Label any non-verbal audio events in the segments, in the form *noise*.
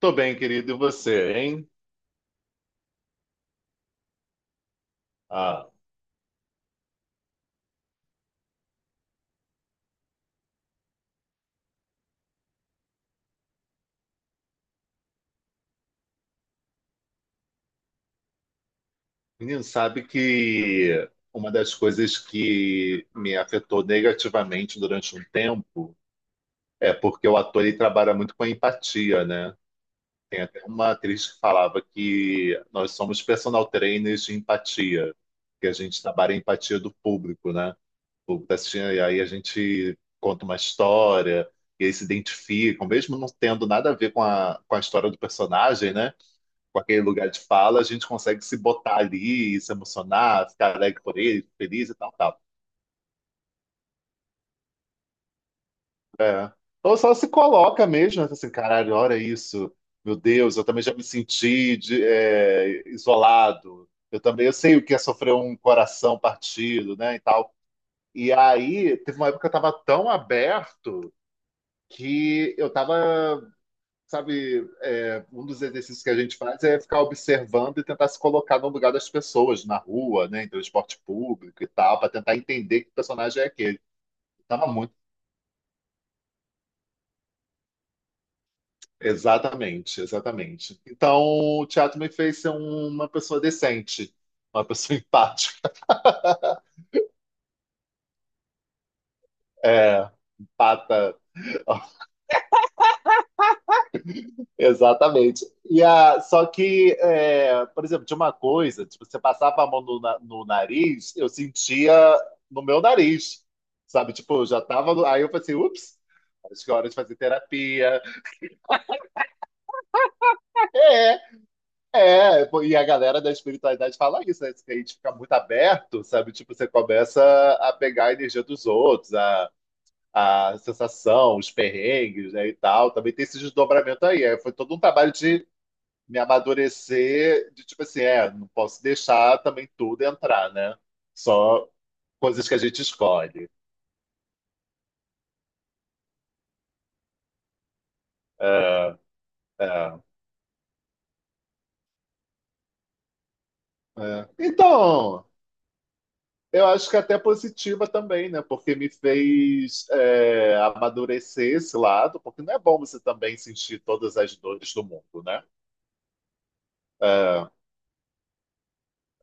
Tô bem, querido. E você, hein? Ah, menino, sabe que uma das coisas que me afetou negativamente durante um tempo é porque o ator ele trabalha muito com a empatia, né? Tem até uma atriz que falava que nós somos personal trainers de empatia, que a gente trabalha a empatia do público, né? O público tá assistindo e aí a gente conta uma história e eles se identificam, mesmo não tendo nada a ver com a história do personagem, né? Com aquele lugar de fala, a gente consegue se botar ali, se emocionar, ficar alegre por ele, feliz e tal, tal. É. Ou só se coloca mesmo, né, assim, caralho, olha isso, meu Deus, eu também já me senti é, isolado, eu também, eu sei o que é sofrer um coração partido, né, e tal. E aí, teve uma época que eu tava tão aberto que eu tava, sabe, um dos exercícios que a gente faz é ficar observando e tentar se colocar no lugar das pessoas, na rua, né, em transporte público e tal, para tentar entender que personagem é aquele. Tava muito. Exatamente, exatamente. Então, o teatro me fez ser uma pessoa decente, uma pessoa *laughs* empática, é, empata. Exatamente. E a, só que, é, por exemplo, tinha uma coisa, tipo, você passava a mão no, no nariz, eu sentia no meu nariz, sabe? Tipo, eu já tava. Aí eu falei assim, ups, acho que é hora de fazer terapia. É, é. Pô, e a galera da espiritualidade fala isso, né? Que a gente fica muito aberto, sabe? Tipo, você começa a pegar a energia dos outros, a sensação, os perrengues, né, e tal. Também tem esse desdobramento aí. É, foi todo um trabalho de me amadurecer de tipo assim, é, não posso deixar também tudo entrar, né? Só coisas que a gente escolhe. É, é, é. Então, eu acho que é até positiva também, né? Porque me fez, é, amadurecer esse lado, porque não é bom você também sentir todas as dores do mundo, né? É,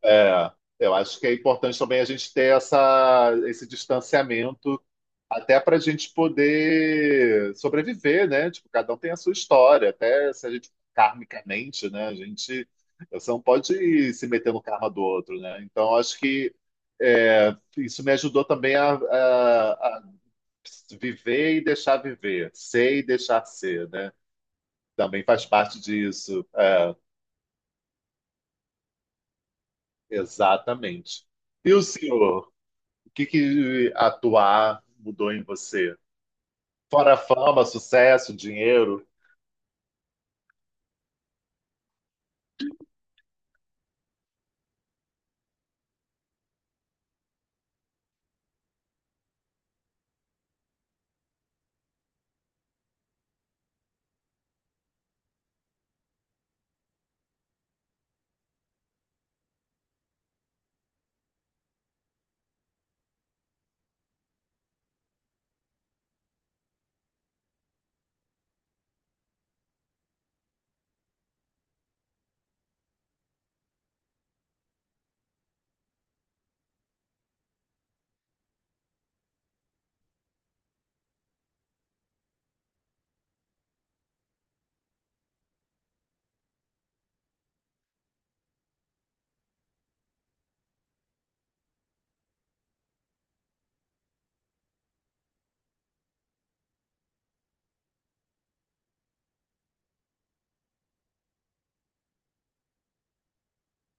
é, eu acho que é importante também a gente ter essa, esse distanciamento até para a gente poder sobreviver, né? Tipo, cada um tem a sua história, até se a gente karmicamente, né? A gente, você não pode ir se meter no karma do outro, né? Então acho que, é, isso me ajudou também a viver e deixar viver, ser e deixar ser, né? Também faz parte disso. É, exatamente. E o senhor? O que, que atuar mudou em você? Fora fama, sucesso, dinheiro.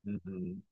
Uhum.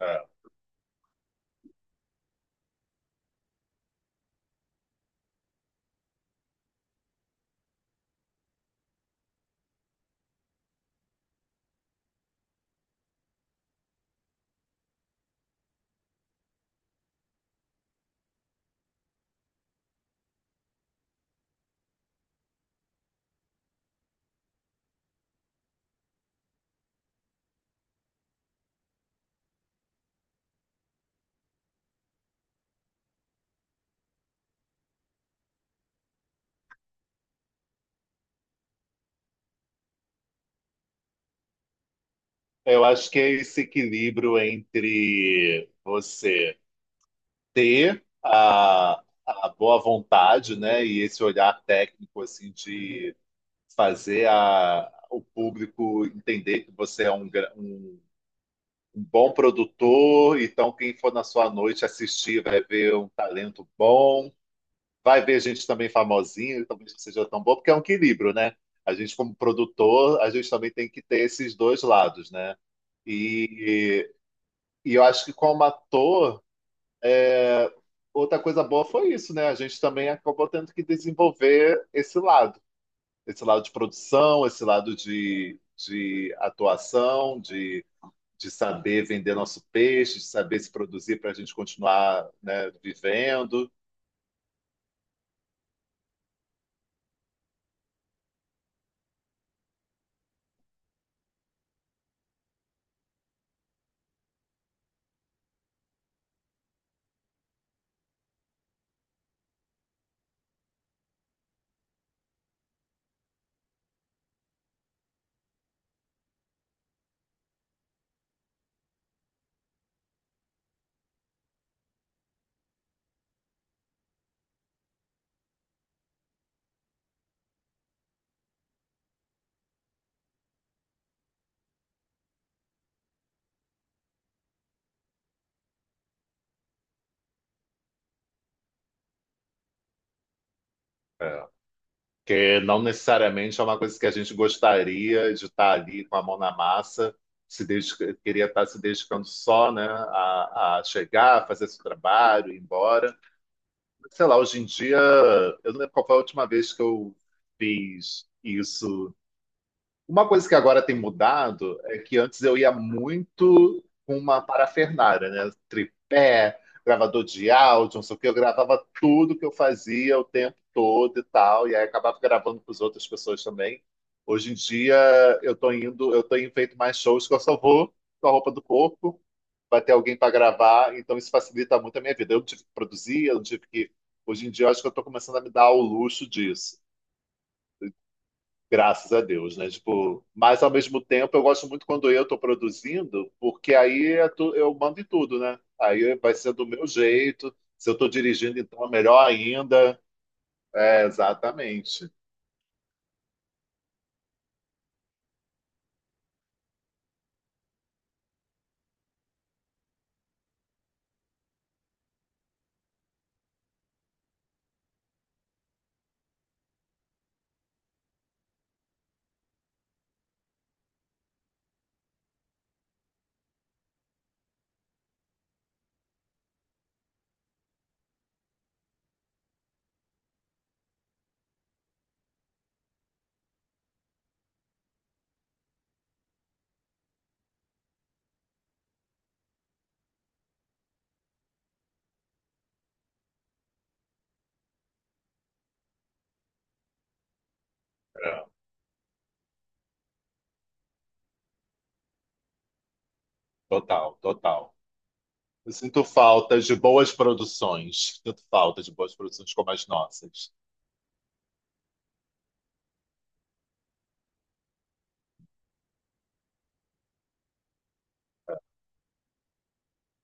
É. Eu acho que é esse equilíbrio entre você ter a boa vontade, né, e esse olhar técnico assim de fazer a, o público entender que você é um, um, um bom produtor, então quem for na sua noite assistir vai ver um talento bom. Vai ver gente também famosinha, talvez não seja tão boa, porque é um equilíbrio, né? A gente, como produtor, a gente também tem que ter esses dois lados, né? E, e eu acho que como ator, é, outra coisa boa foi isso, né? A gente também acabou tendo que desenvolver esse lado de produção, esse lado de atuação, de saber vender nosso peixe, de saber se produzir para a gente continuar, né, vivendo. É, que não necessariamente é uma coisa que a gente gostaria de estar ali com a mão na massa, se dedica- queria estar se dedicando só, né, a chegar, fazer seu trabalho, ir embora. Sei lá, hoje em dia, eu não lembro qual foi a última vez que eu fiz isso. Uma coisa que agora tem mudado é que antes eu ia muito com uma parafernália, né? Tripé, gravador de áudio, não sei o quê. Eu gravava tudo que eu fazia o tempo todo e tal, e aí acabava gravando com as outras pessoas também. Hoje em dia eu tô indo, eu tenho feito mais shows que eu só vou com a roupa do corpo, vai ter alguém para gravar, então isso facilita muito a minha vida. Eu não tive que produzir, eu não tive que. Hoje em dia eu acho que eu tô começando a me dar o luxo disso. Graças a Deus, né? Tipo, mas ao mesmo tempo eu gosto muito quando eu estou produzindo, porque aí eu mando em tudo, né? Aí vai ser do meu jeito. Se eu estou dirigindo, então é melhor ainda. É, exatamente. É, total, total. Eu sinto falta de boas produções. Sinto falta de boas produções como as nossas.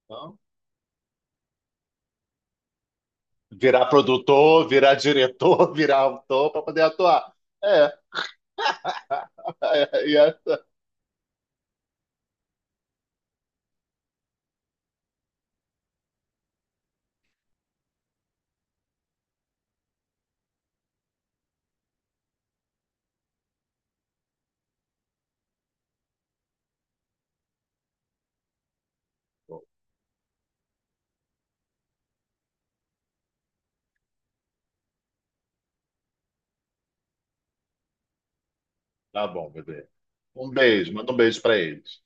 Então, virar produtor, virar diretor, *laughs* virar autor para poder atuar. É. *laughs* E essa. Tá bom, bebê. Um beijo, manda um beijo pra eles.